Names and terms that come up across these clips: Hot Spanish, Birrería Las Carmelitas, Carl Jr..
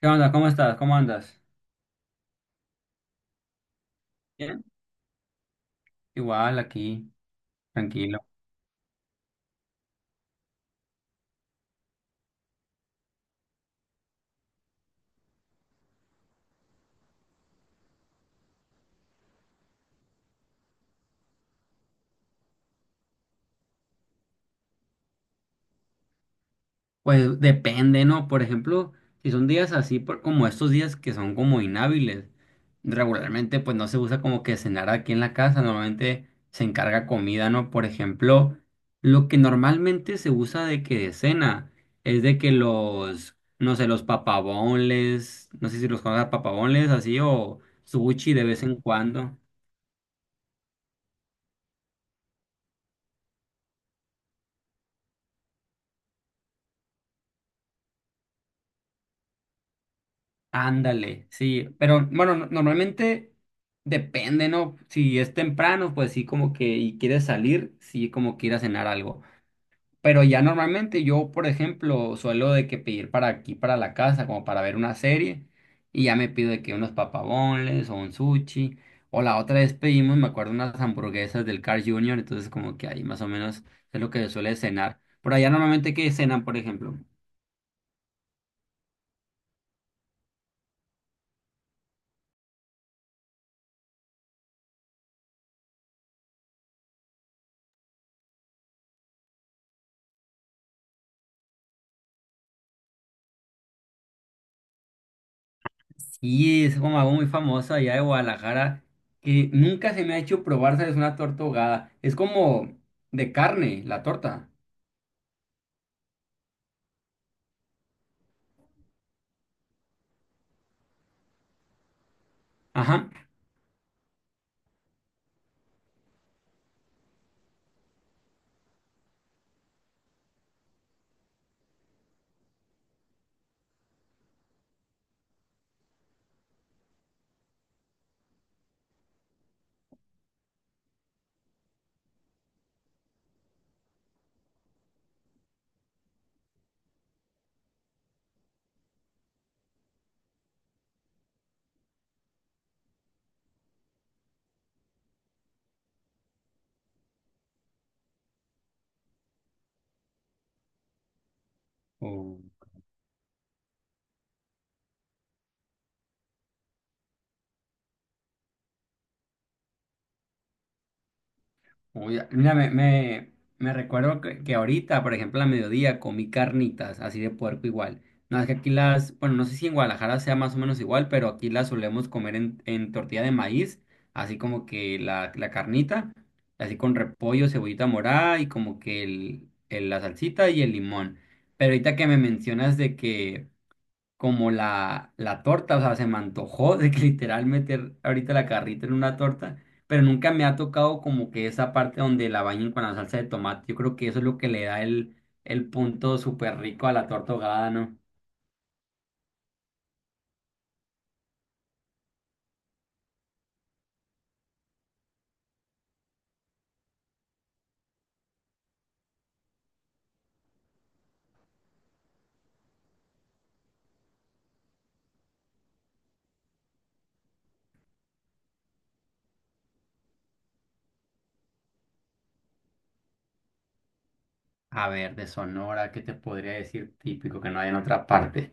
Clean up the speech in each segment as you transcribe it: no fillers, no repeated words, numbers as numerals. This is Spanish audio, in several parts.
¿Qué onda? ¿Cómo estás? ¿Cómo andas? Bien. Igual aquí, tranquilo. Pues depende, ¿no? Por ejemplo, si son días así como estos días que son como inhábiles, regularmente pues no se usa como que cenar aquí en la casa, normalmente se encarga comida, ¿no? Por ejemplo, lo que normalmente se usa de que de cena es de que los, no sé, los papabones, no sé si los conozcas papabones así o sushi de vez en cuando. Ándale, sí, pero bueno, normalmente depende, ¿no? Si es temprano, pues sí, como que y quieres salir, sí, como que ir a cenar algo. Pero ya normalmente yo, por ejemplo, suelo de que pedir para aquí, para la casa, como para ver una serie, y ya me pido de que unos papabones o un sushi, o la otra vez pedimos, me acuerdo, unas hamburguesas del Carl Jr., entonces como que ahí más o menos es lo que suele cenar. Por allá normalmente, ¿qué cenan, por ejemplo? Y es como algo muy famoso allá de Guadalajara que nunca se me ha hecho probar, es una torta ahogada. Es como de carne, la torta. Ajá. Uy, mira, me recuerdo que ahorita, por ejemplo, a mediodía comí carnitas, así de puerco igual. No, es que aquí las, bueno, no sé si en Guadalajara sea más o menos igual, pero aquí las solemos comer en tortilla de maíz, así como que la carnita, así con repollo, cebollita morada y como que el, la salsita y el limón. Pero ahorita que me mencionas de que como la torta, o sea, se me antojó de que literal meter ahorita la carrita en una torta, pero nunca me ha tocado como que esa parte donde la bañen con la salsa de tomate. Yo creo que eso es lo que le da el punto súper rico a la torta ahogada, ¿no? A ver, de Sonora, ¿qué te podría decir típico que no hay en otra parte?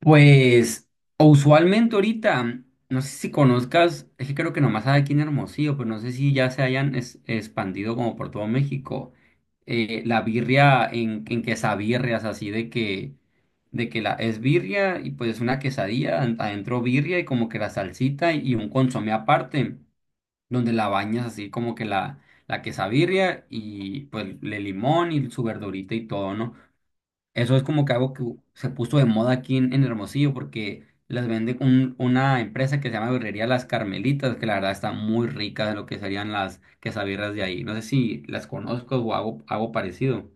Pues, o usualmente ahorita, no sé si conozcas, es que creo que nomás hay aquí en Hermosillo, pero no sé si ya se hayan expandido como por todo México. La birria en quesabirrias, así de que la es birria y pues una quesadilla, adentro birria y como que la salsita y un consomé aparte, donde la bañas así como que la quesabirria y pues le limón y su verdurita y todo, ¿no? Eso es como que algo que se puso de moda aquí en Hermosillo porque las vende una empresa que se llama Birrería Las Carmelitas, que la verdad está muy rica de lo que serían las quesabirras de ahí. No sé si las conozco o hago, hago parecido.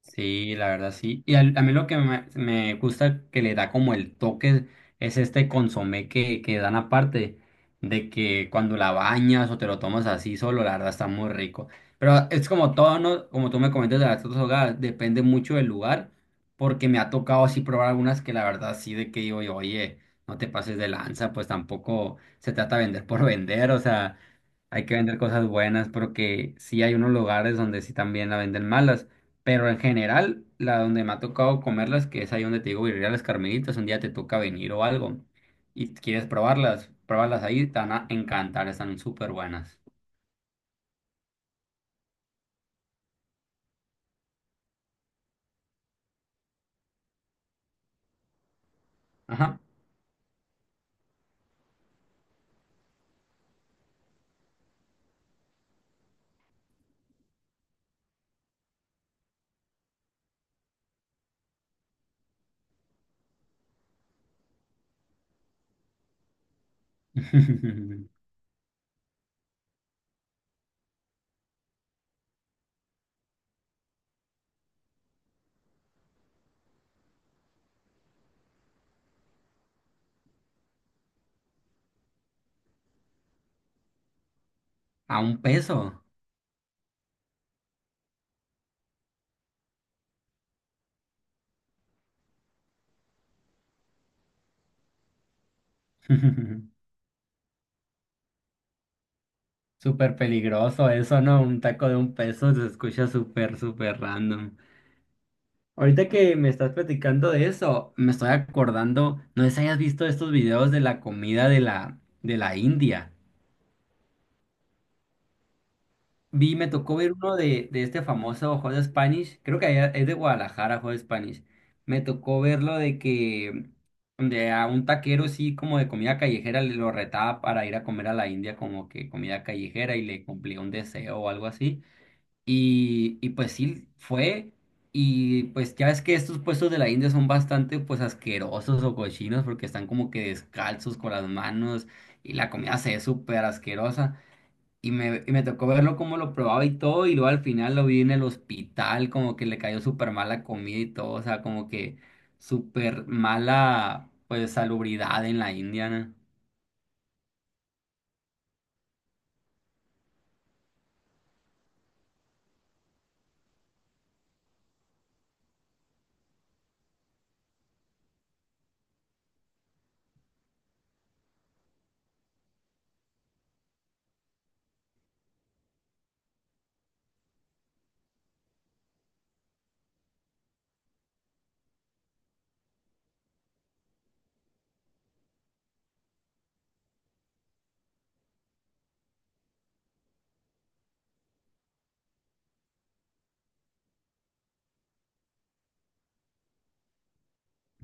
Sí, la verdad sí. Y a mí lo que me gusta que le da como el toque es este consomé que dan aparte, de que cuando la bañas o te lo tomas así solo, la verdad está muy rico. Pero es como todo, ¿no? Como tú me comentas de las otras hogadas, depende mucho del lugar, porque me ha tocado así probar algunas que la verdad sí de que digo yo, oye, no te pases de lanza, pues tampoco se trata de vender por vender, o sea. Hay que vender cosas buenas porque sí hay unos lugares donde sí también la venden malas, pero en general, la donde me ha tocado comerlas, que es ahí donde te digo, birria las Carmelitas, un día te toca venir o algo y quieres probarlas, pruébalas ahí, te van a encantar, están súper buenas. Ajá. A un peso. Súper peligroso eso, ¿no? Un taco de un peso se escucha súper, súper random. Ahorita que me estás platicando de eso, me estoy acordando, no sé si hayas visto estos videos de la comida de la India. Vi, me tocó ver uno de este famoso Hot Spanish, creo que allá- es de Guadalajara, Hot Spanish. Me tocó verlo de que de a un taquero sí como de comida callejera le lo retaba para ir a comer a la India como que comida callejera y le cumplía un deseo o algo así. Y pues sí, fue. Y pues ya ves que estos puestos de la India son bastante pues asquerosos o cochinos porque están como que descalzos con las manos y la comida se ve súper asquerosa. Y me tocó verlo como lo probaba y todo y luego al final lo vi en el hospital como que le cayó súper mal la comida y todo. O sea, como que súper mala pues salubridad en la India, ¿no?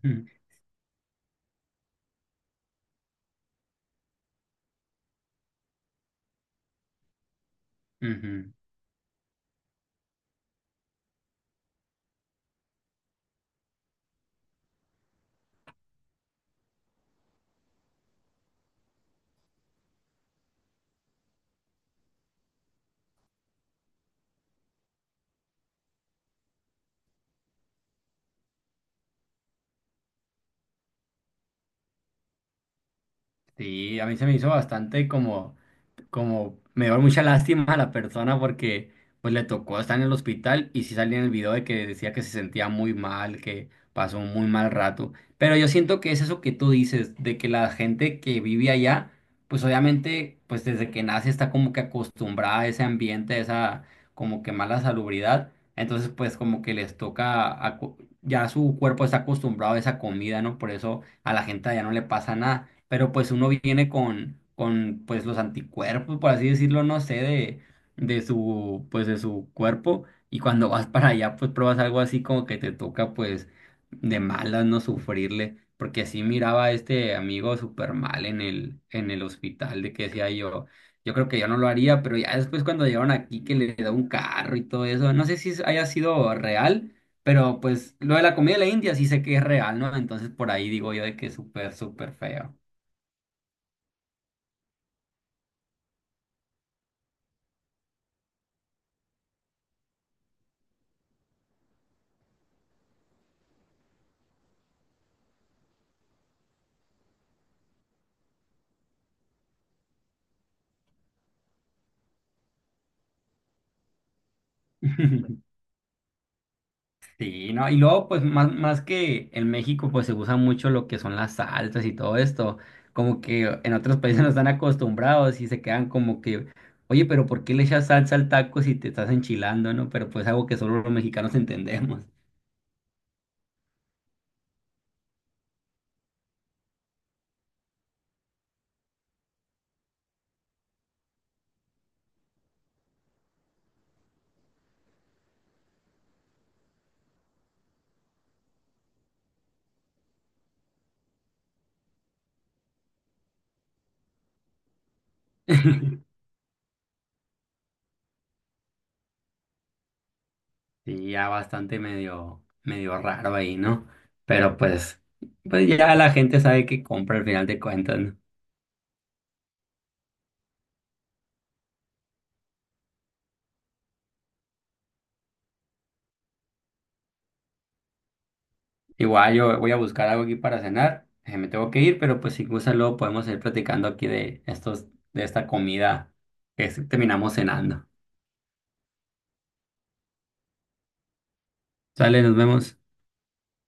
Ujú. Sí, a mí se me hizo bastante como, como, me dio mucha lástima a la persona porque pues le tocó estar en el hospital y sí salía en el video de que decía que se sentía muy mal, que pasó un muy mal rato. Pero yo siento que es eso que tú dices, de que la gente que vive allá, pues obviamente, pues desde que nace está como que acostumbrada a ese ambiente, a esa como que mala salubridad. Entonces pues como que les toca, ya su cuerpo está acostumbrado a esa comida, ¿no? Por eso a la gente allá no le pasa nada pero pues uno viene con pues los anticuerpos, por así decirlo, no sé, de su, pues de su cuerpo, y cuando vas para allá, pues pruebas algo así como que te toca, pues, de malas, no sufrirle, porque así miraba a este amigo súper mal en el hospital, de que decía yo, yo creo que yo no lo haría, pero ya después cuando llegaron aquí que le da un carro y todo eso, no sé si haya sido real. Pero pues lo de la comida de la India sí sé que es real, ¿no? Entonces por ahí digo yo de que es súper, súper feo. Sí, no, y luego, pues, más, más que en México, pues se usa mucho lo que son las salsas y todo esto. Como que en otros países no están acostumbrados y se quedan como que, oye, pero ¿por qué le echas salsa al taco si te estás enchilando, no? Pero pues algo que solo los mexicanos entendemos. Sí, ya bastante medio, medio raro ahí, ¿no? Pero pues, pues ya la gente sabe que compra al final de cuentas, ¿no? Igual yo voy a buscar algo aquí para cenar. Me tengo que ir, pero pues si gusta luego podemos ir platicando aquí de estos, de esta comida que es- terminamos cenando. Sale, nos vemos.